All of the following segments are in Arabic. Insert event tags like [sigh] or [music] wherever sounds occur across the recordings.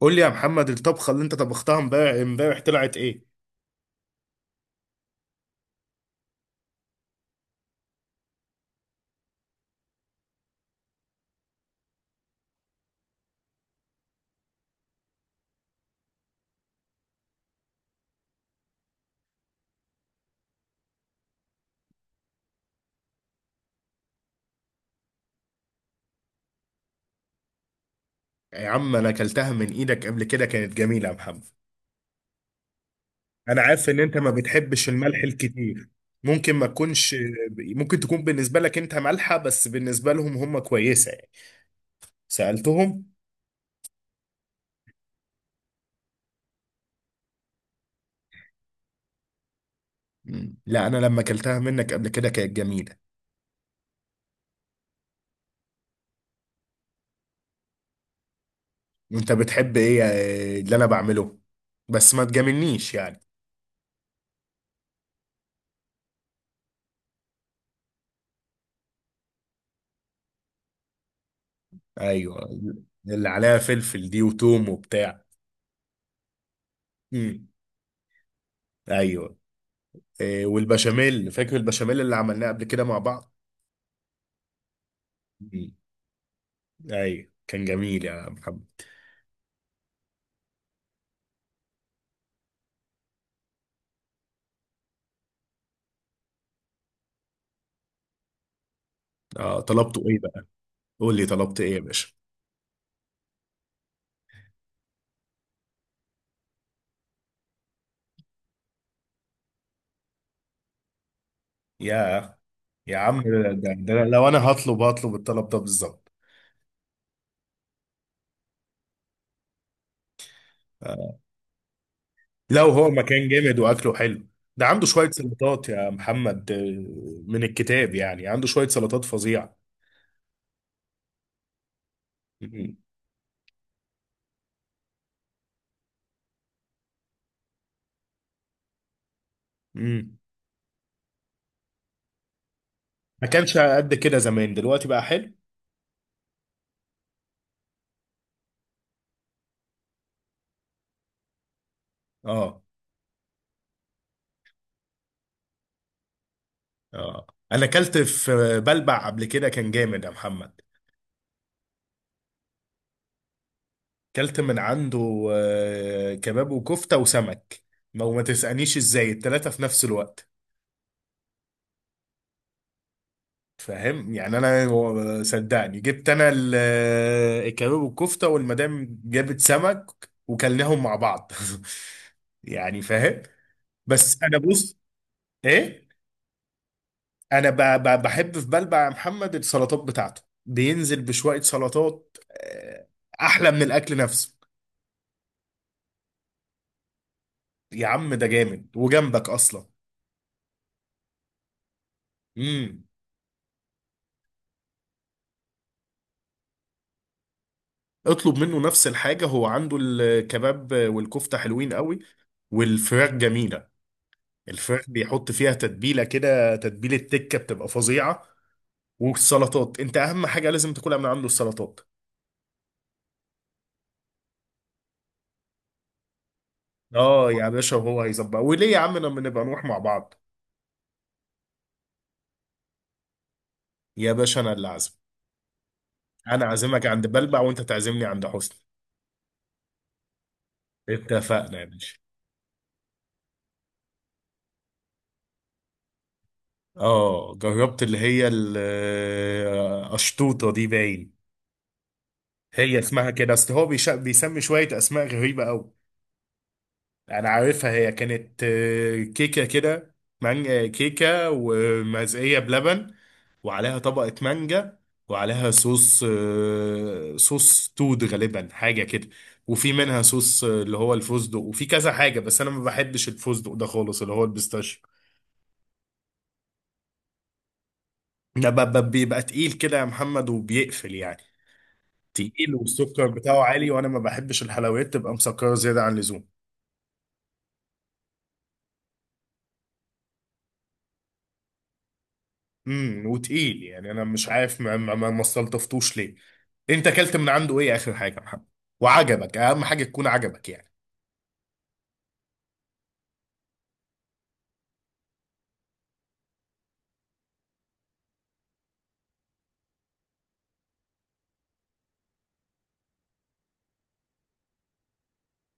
قول لي يا محمد، الطبخة اللي انت طبختها امبارح طلعت ايه؟ يا عم انا اكلتها من ايدك قبل كده كانت جميلة يا محمد. انا عارف ان انت ما بتحبش الملح الكتير. ممكن ما تكونش ممكن تكون بالنسبة لك انت مالحة، بس بالنسبة لهم هم كويسة يعني. سألتهم؟ مم. لا انا لما اكلتها منك قبل كده كانت جميلة. انت بتحب ايه اللي انا بعمله؟ بس ما تجاملنيش يعني. ايوه، اللي عليها فلفل دي وتوم وبتاع. مم. ايوه. إيه، والبشاميل فاكر البشاميل اللي عملناه قبل كده مع بعض. مم. ايوه، كان جميل يا محمد. آه، طلبته ايه بقى؟ قول لي طلبت ايه يا باشا. يا يا عم، ده لو انا هطلب الطلب ده بالظبط. آه. لو هو مكان جامد واكله حلو. ده عنده شوية سلطات يا محمد، من الكتاب يعني عنده شوية سلطات فظيعة. مم. مم. ما كانش قد كده زمان، دلوقتي بقى حلو. اه. اه، انا اكلت في بلبع قبل كده كان جامد يا محمد. كلت من عنده كباب وكفتة وسمك. ما وما تسألنيش ازاي التلاتة في نفس الوقت. فاهم يعني انا صدقني جبت انا الكباب والكفتة، والمدام جابت سمك. وكلناهم مع بعض [laughs] يعني فاهم. بس انا بص. ايه، انا بحب في بلبع يا محمد، السلطات بتاعته بينزل بشوية سلطات. احلى من الاكل نفسه. يا عم ده جامد وجنبك اصلا. امم. اطلب منه نفس الحاجة، هو عنده الكباب والكفتة حلوين قوي. والفراخ جميلة. الفراخ بيحط فيها تتبيلة كده، تتبيلة تكة بتبقى فظيعة. والسلطات انت اهم حاجة لازم تاكلها من عنده السلطات. اه يا باشا، وهو هيظبط، وليه يا عم لما نبقى نروح مع بعض. يا باشا انا اللي عازم. انا عازمك عند بلبع وانت تعزمني عند حسن. اتفقنا يا باشا. اه، جربت اللي هي القشطوطة دي باين. هي اسمها كده، اصل هو بيسمي شوية اسماء غريبة قوي. انا عارفها، هي كانت كيكه كده. مانجا كيكه. ومزقيه بلبن. وعليها طبقه مانجا. وعليها صوص تود غالبا حاجه كده. وفي منها صوص اللي هو الفستق، وفي كذا حاجه بس انا ما بحبش الفستق ده خالص، اللي هو البيستاشيو. ده بيبقى تقيل كده يا محمد وبيقفل يعني. تقيل، والسكر بتاعه عالي وانا ما بحبش الحلويات تبقى مسكره زياده عن اللزوم. وتقيل يعني، انا مش عارف ما استلطفتوش ليه. انت اكلت من عنده ايه اخر حاجه يا محمد؟ وعجبك اهم حاجه تكون عجبك يعني.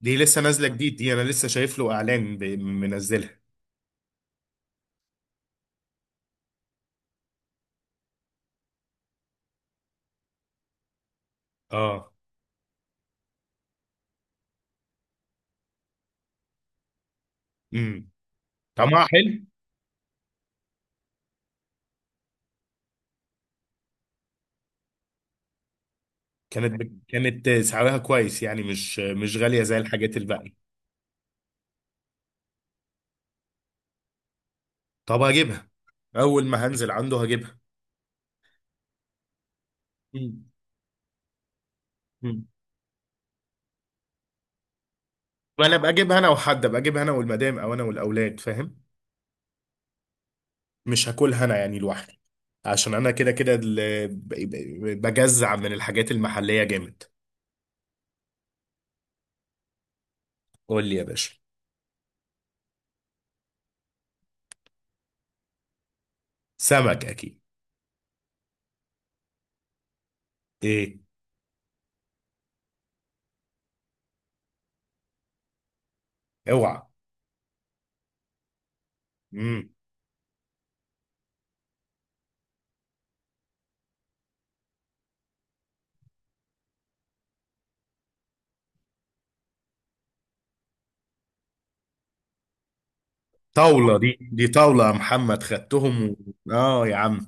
دي لسه نازله جديد، دي انا لسه شايف له اعلان منزلها. اه. امم. طعمها حلو. كانت سعرها كويس يعني، مش غاليه زي الحاجات الباقيه. طب هجيبها. اول ما هنزل عنده هجيبها. مم. مم. ما انا ابقى اجيبها انا والمدام، او انا والاولاد، فاهم. مش هاكلها انا يعني لوحدي. عشان انا كده كده بجزع من الحاجات المحلية جامد. قول لي يا باشا. سمك اكيد. ايه. اوعى. امم. طاولة، دي طاولة يا محمد، خدتهم اه. يا عم.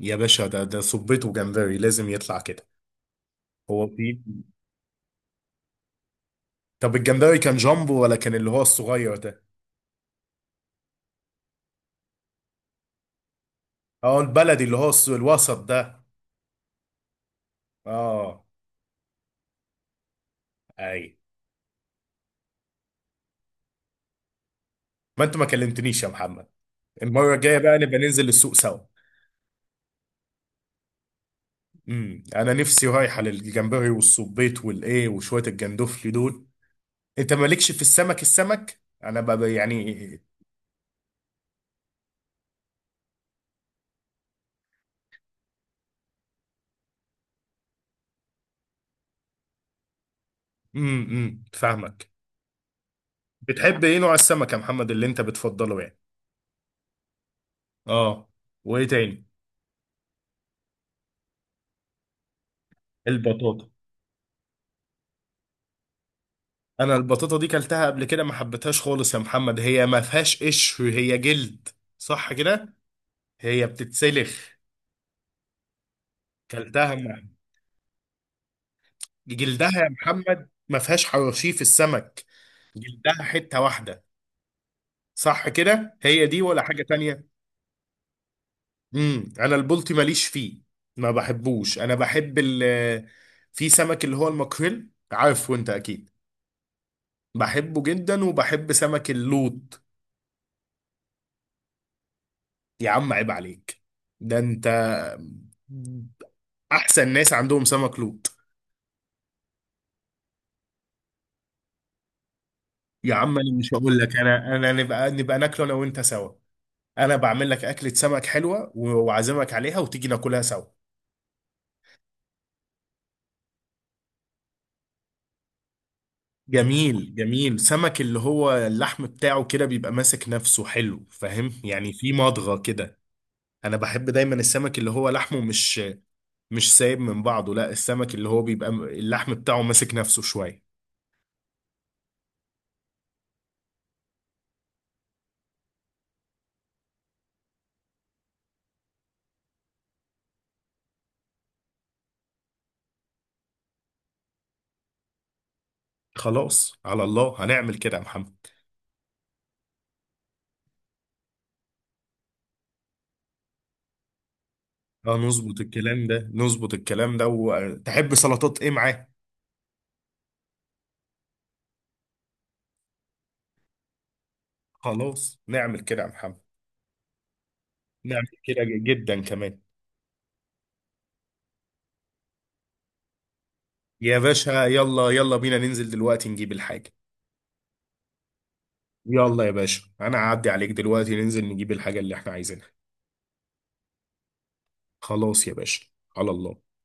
يا باشا، ده صبيته جمبري لازم يطلع كده. هو في. طب الجمبري كان جامبو ولا كان اللي هو الصغير ده؟ اه، البلدي اللي هو الوسط ده. اه. اي. ما انت ما كلمتنيش يا محمد. المرة الجاية بقى نبقى ننزل السوق سوا. امم. انا نفسي رايحه للجمبري والصبيط والايه وشويه الجندوفلي دول. انت مالكش في السمك، السمك انا بقى يعني. امم، امم، فاهمك. بتحب ايه نوع السمك يا محمد اللي انت بتفضله يعني؟ اه. وايه تاني؟ البطاطا. انا البطاطا دي كلتها قبل كده ما حبيتهاش خالص يا محمد، هي ما فيهاش قشر، هي جلد. صح كده؟ هي بتتسلخ. كلتها مع جلدها يا محمد، ما فيهاش حرشيف السمك. جلدها حته واحده. صح كده، هي دي ولا حاجة تانية؟ انا البلطي ماليش فيه. ما بحبوش، انا بحب في سمك اللي هو الماكريل عارفه انت اكيد. بحبه جدا، وبحب سمك اللوط. يا عم عيب عليك. ده انت احسن ناس عندهم سمك لوط. يا عم انا مش هقول لك، انا نبقى ناكله انا وانت سوا. انا بعمل لك اكلة سمك حلوة وعازمك عليها وتيجي ناكلها سوا. جميل جميل، سمك اللي هو اللحم بتاعه كده بيبقى ماسك نفسه حلو، فاهم يعني في مضغة كده. انا بحب دايما السمك اللي هو لحمه مش سايب من بعضه، لا السمك اللي هو بيبقى اللحم بتاعه ماسك نفسه شوية. خلاص، على الله هنعمل كده يا محمد. اه نظبط الكلام ده نظبط الكلام ده، وتحب سلطات ايه معاه؟ خلاص نعمل كده يا محمد. نعمل كده جدا كمان. يا باشا يلا يلا بينا ننزل دلوقتي نجيب الحاجة. يلا يا باشا انا هعدي عليك دلوقتي، ننزل نجيب الحاجة اللي احنا عايزينها. خلاص يا باشا. على الله.